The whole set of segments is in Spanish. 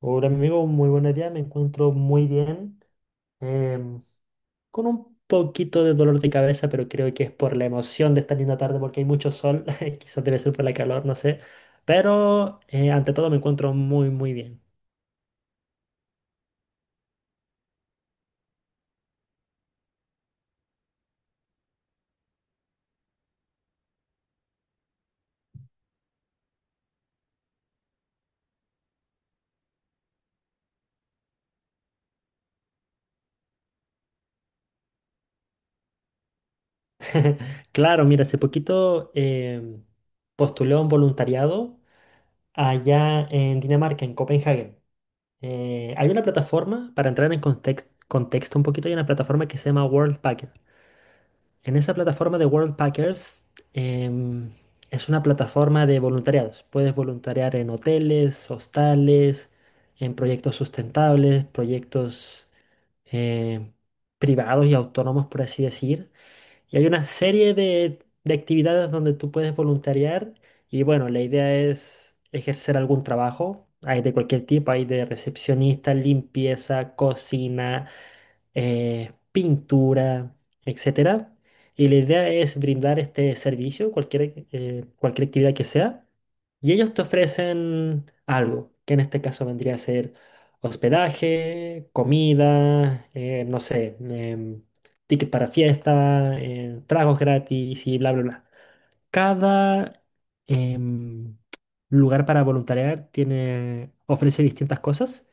Hola amigo, muy buenos días, me encuentro muy bien, em, con un poquito de dolor de cabeza, pero creo que es por la emoción de esta linda tarde porque hay mucho sol, quizás debe ser por la calor, no sé, pero ante todo me encuentro muy muy bien. Claro, mira, hace poquito postulé a un voluntariado allá en Dinamarca, en Copenhague. Hay una plataforma, para entrar en contexto un poquito, hay una plataforma que se llama World. En esa plataforma de World Packers em, es una plataforma de voluntariados. Puedes voluntariar en hoteles, hostales, en proyectos sustentables, proyectos eh, privados y autónomos, por así decir. Y hay una serie de actividades donde tú puedes voluntariar. Y bueno, la idea es ejercer algún trabajo. Hay de cualquier tipo, hay de recepcionista, limpieza, cocina pintura, etcétera. Y la idea es brindar este servicio, cualquier actividad que sea, y ellos te ofrecen algo, que en este caso vendría a ser hospedaje, comida, no sé, ticket para fiesta, tragos gratis y bla, bla, bla. Cada em, lugar para voluntariar tiene, ofrece distintas cosas.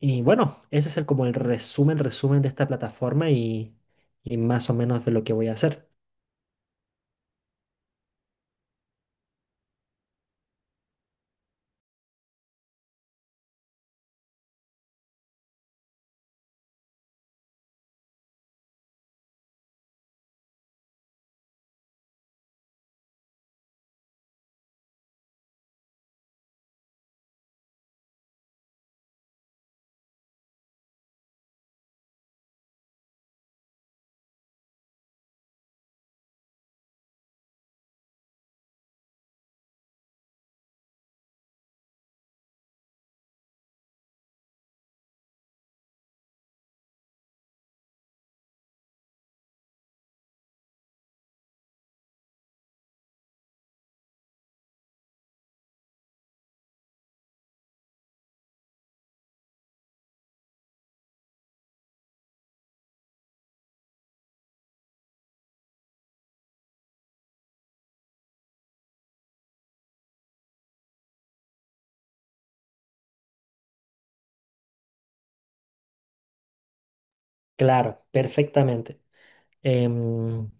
Y bueno, ese es el, como el resumen de esta plataforma y más o menos de lo que voy a hacer. Claro, perfectamente. Em,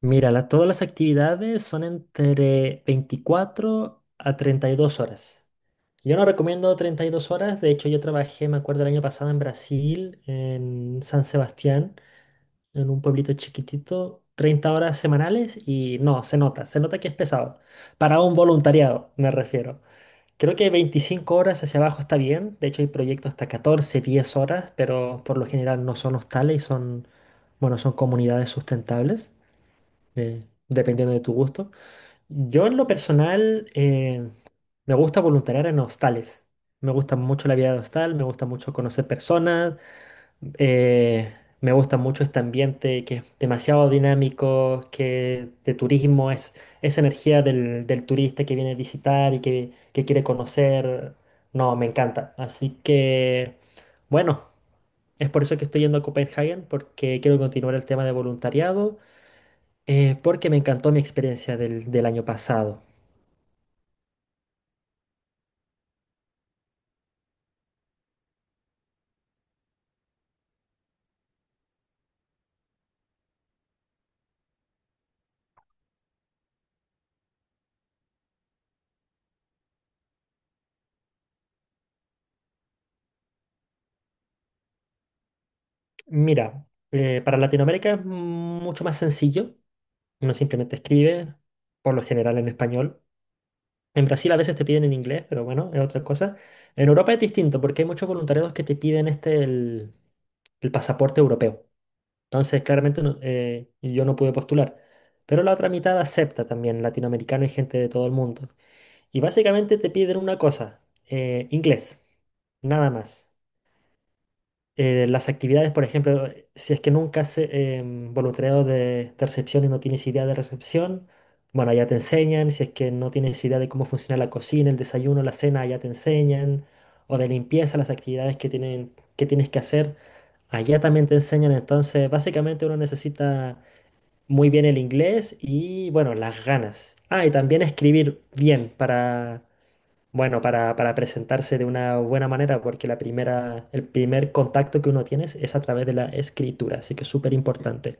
Mira, todas las actividades son entre 24 a 32 horas. Yo no recomiendo 32 horas, de hecho yo trabajé, me acuerdo, el año pasado en Brasil, en San Sebastián, en un pueblito chiquitito, 30 horas semanales y no, se nota que es pesado. Para un voluntariado, me refiero. Creo que 25 horas hacia abajo está bien. De hecho, hay proyectos hasta 14, 10 horas, pero por lo general no son hostales y son, bueno, son comunidades sustentables, dependiendo de tu gusto. Yo en lo personal me gusta voluntariar en hostales. Me gusta mucho la vida de hostal, me gusta mucho conocer personas, eh, me gusta mucho este ambiente que es demasiado dinámico, que de turismo es esa energía del turista que viene a visitar y que quiere conocer. No, me encanta. Así que, bueno, es por eso que estoy yendo a Copenhagen, porque quiero continuar el tema de voluntariado, porque me encantó mi experiencia del año pasado. Mira, para Latinoamérica es mucho más sencillo. Uno simplemente escribe, por lo general en español. En Brasil a veces te piden en inglés, pero bueno, es otra cosa. En Europa es distinto porque hay muchos voluntariados que te piden el pasaporte europeo. Entonces, claramente yo no pude postular. Pero la otra mitad acepta también latinoamericano y gente de todo el mundo. Y básicamente te piden una cosa, inglés, nada más. Las actividades, por ejemplo, si es que nunca hace voluntariado de recepción y no tienes idea de recepción, bueno, allá te enseñan. Si es que no tienes idea de cómo funciona la cocina, el desayuno, la cena, allá te enseñan. O de limpieza, las actividades que tienen, que tienes que hacer, allá también te enseñan. Entonces, básicamente uno necesita muy bien el inglés y, bueno, las ganas. Ah, y también escribir bien para bueno, para presentarse de una buena manera, porque la primera, el primer contacto que uno tiene es a través de la escritura, así que es súper importante.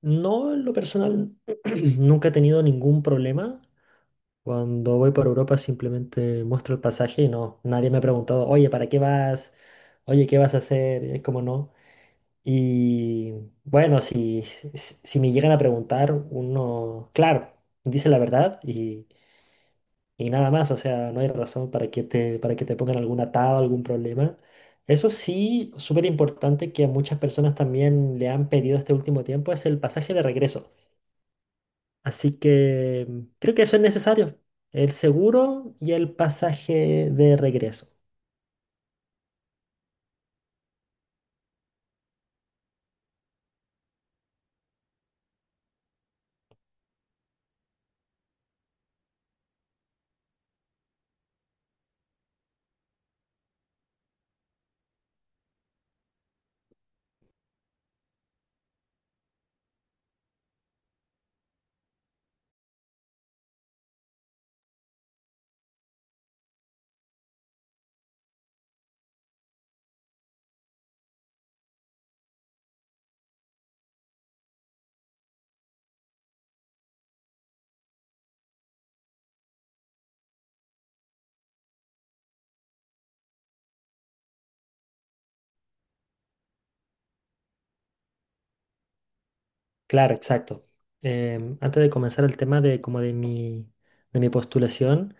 No, en lo personal, nunca he tenido ningún problema. Cuando voy por Europa simplemente muestro el pasaje y no, nadie me ha preguntado, oye, ¿para qué vas? Oye, ¿qué vas a hacer? Es como no. Y bueno, si me llegan a preguntar, uno, claro, dice la verdad y... Y nada más, o sea, no hay razón para que te pongan algún atado, algún problema. Eso sí, súper importante que a muchas personas también le han pedido este último tiempo es el pasaje de regreso. Así que creo que eso es necesario. El seguro y el pasaje de regreso. Claro, exacto. Antes de comenzar el tema de como de mi postulación.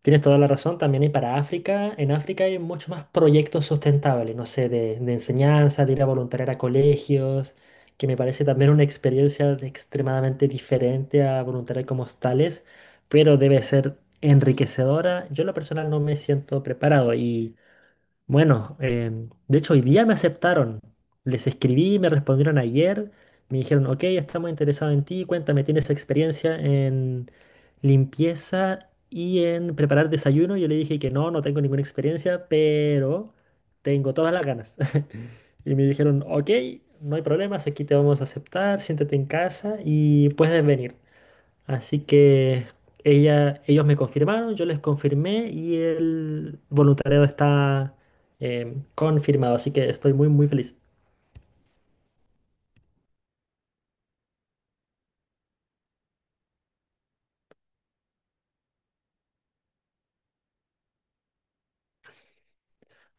Tienes toda la razón, también hay para África. En África hay muchos más proyectos sustentables, no sé, de enseñanza, de ir a voluntariar a colegios, que me parece también una experiencia extremadamente diferente a voluntariar como hostales, pero debe ser enriquecedora. Yo en lo personal no me siento preparado bueno, de hecho hoy día me aceptaron. Les escribí, me respondieron ayer, me dijeron, ok, estamos interesados en ti, cuéntame, ¿tienes experiencia en limpieza y en preparar desayuno? Yo le dije que no, no tengo ninguna experiencia, pero tengo todas las ganas. Y me dijeron, ok, no hay problemas, aquí te vamos a aceptar, siéntate en casa y puedes venir. Así que ellos me confirmaron, yo les confirmé y el voluntariado está confirmado, así que estoy muy muy feliz.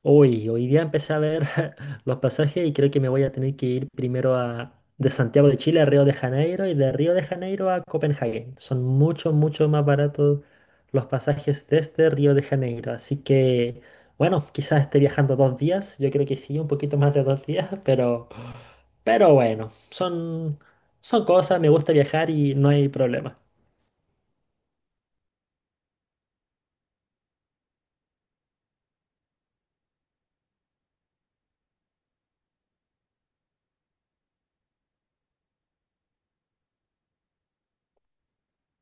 Hoy día empecé a ver los pasajes y creo que me voy a tener que ir primero de Santiago de Chile a Río de Janeiro y de Río de Janeiro a Copenhague. Son mucho, mucho más baratos los pasajes desde Río de Janeiro. Así que, bueno, quizás esté viajando 2 días. Yo creo que sí, un poquito más de 2 días, pero... Pero bueno, son cosas, me gusta viajar y no hay problema.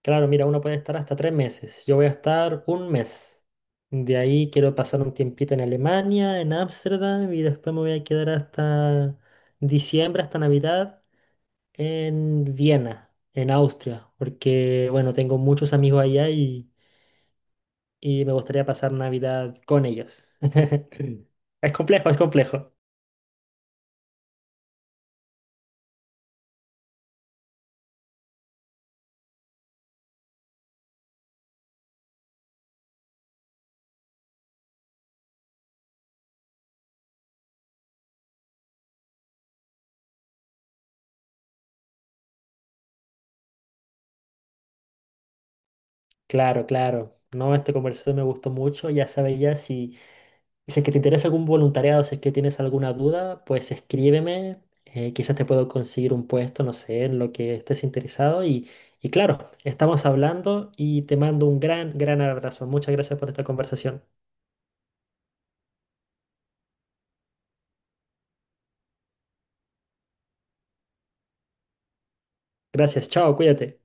Claro, mira, uno puede estar hasta 3 meses. Yo voy a estar un mes. De ahí quiero pasar un tiempito en Alemania, en Ámsterdam, y después me voy a quedar hasta diciembre, hasta Navidad, en Viena, en Austria, porque, bueno, tengo muchos amigos allá y me gustaría pasar Navidad con ellos. Es complejo, es complejo. Claro, claro. No, esta conversación me gustó mucho. Ya sabes ya si... Y si es que te interesa algún voluntariado, si es que tienes alguna duda, pues escríbeme. Quizás te puedo conseguir un puesto, no sé, en lo que estés interesado. Y claro, estamos hablando y te mando un gran, gran abrazo. Muchas gracias por esta conversación. Gracias, chao, cuídate.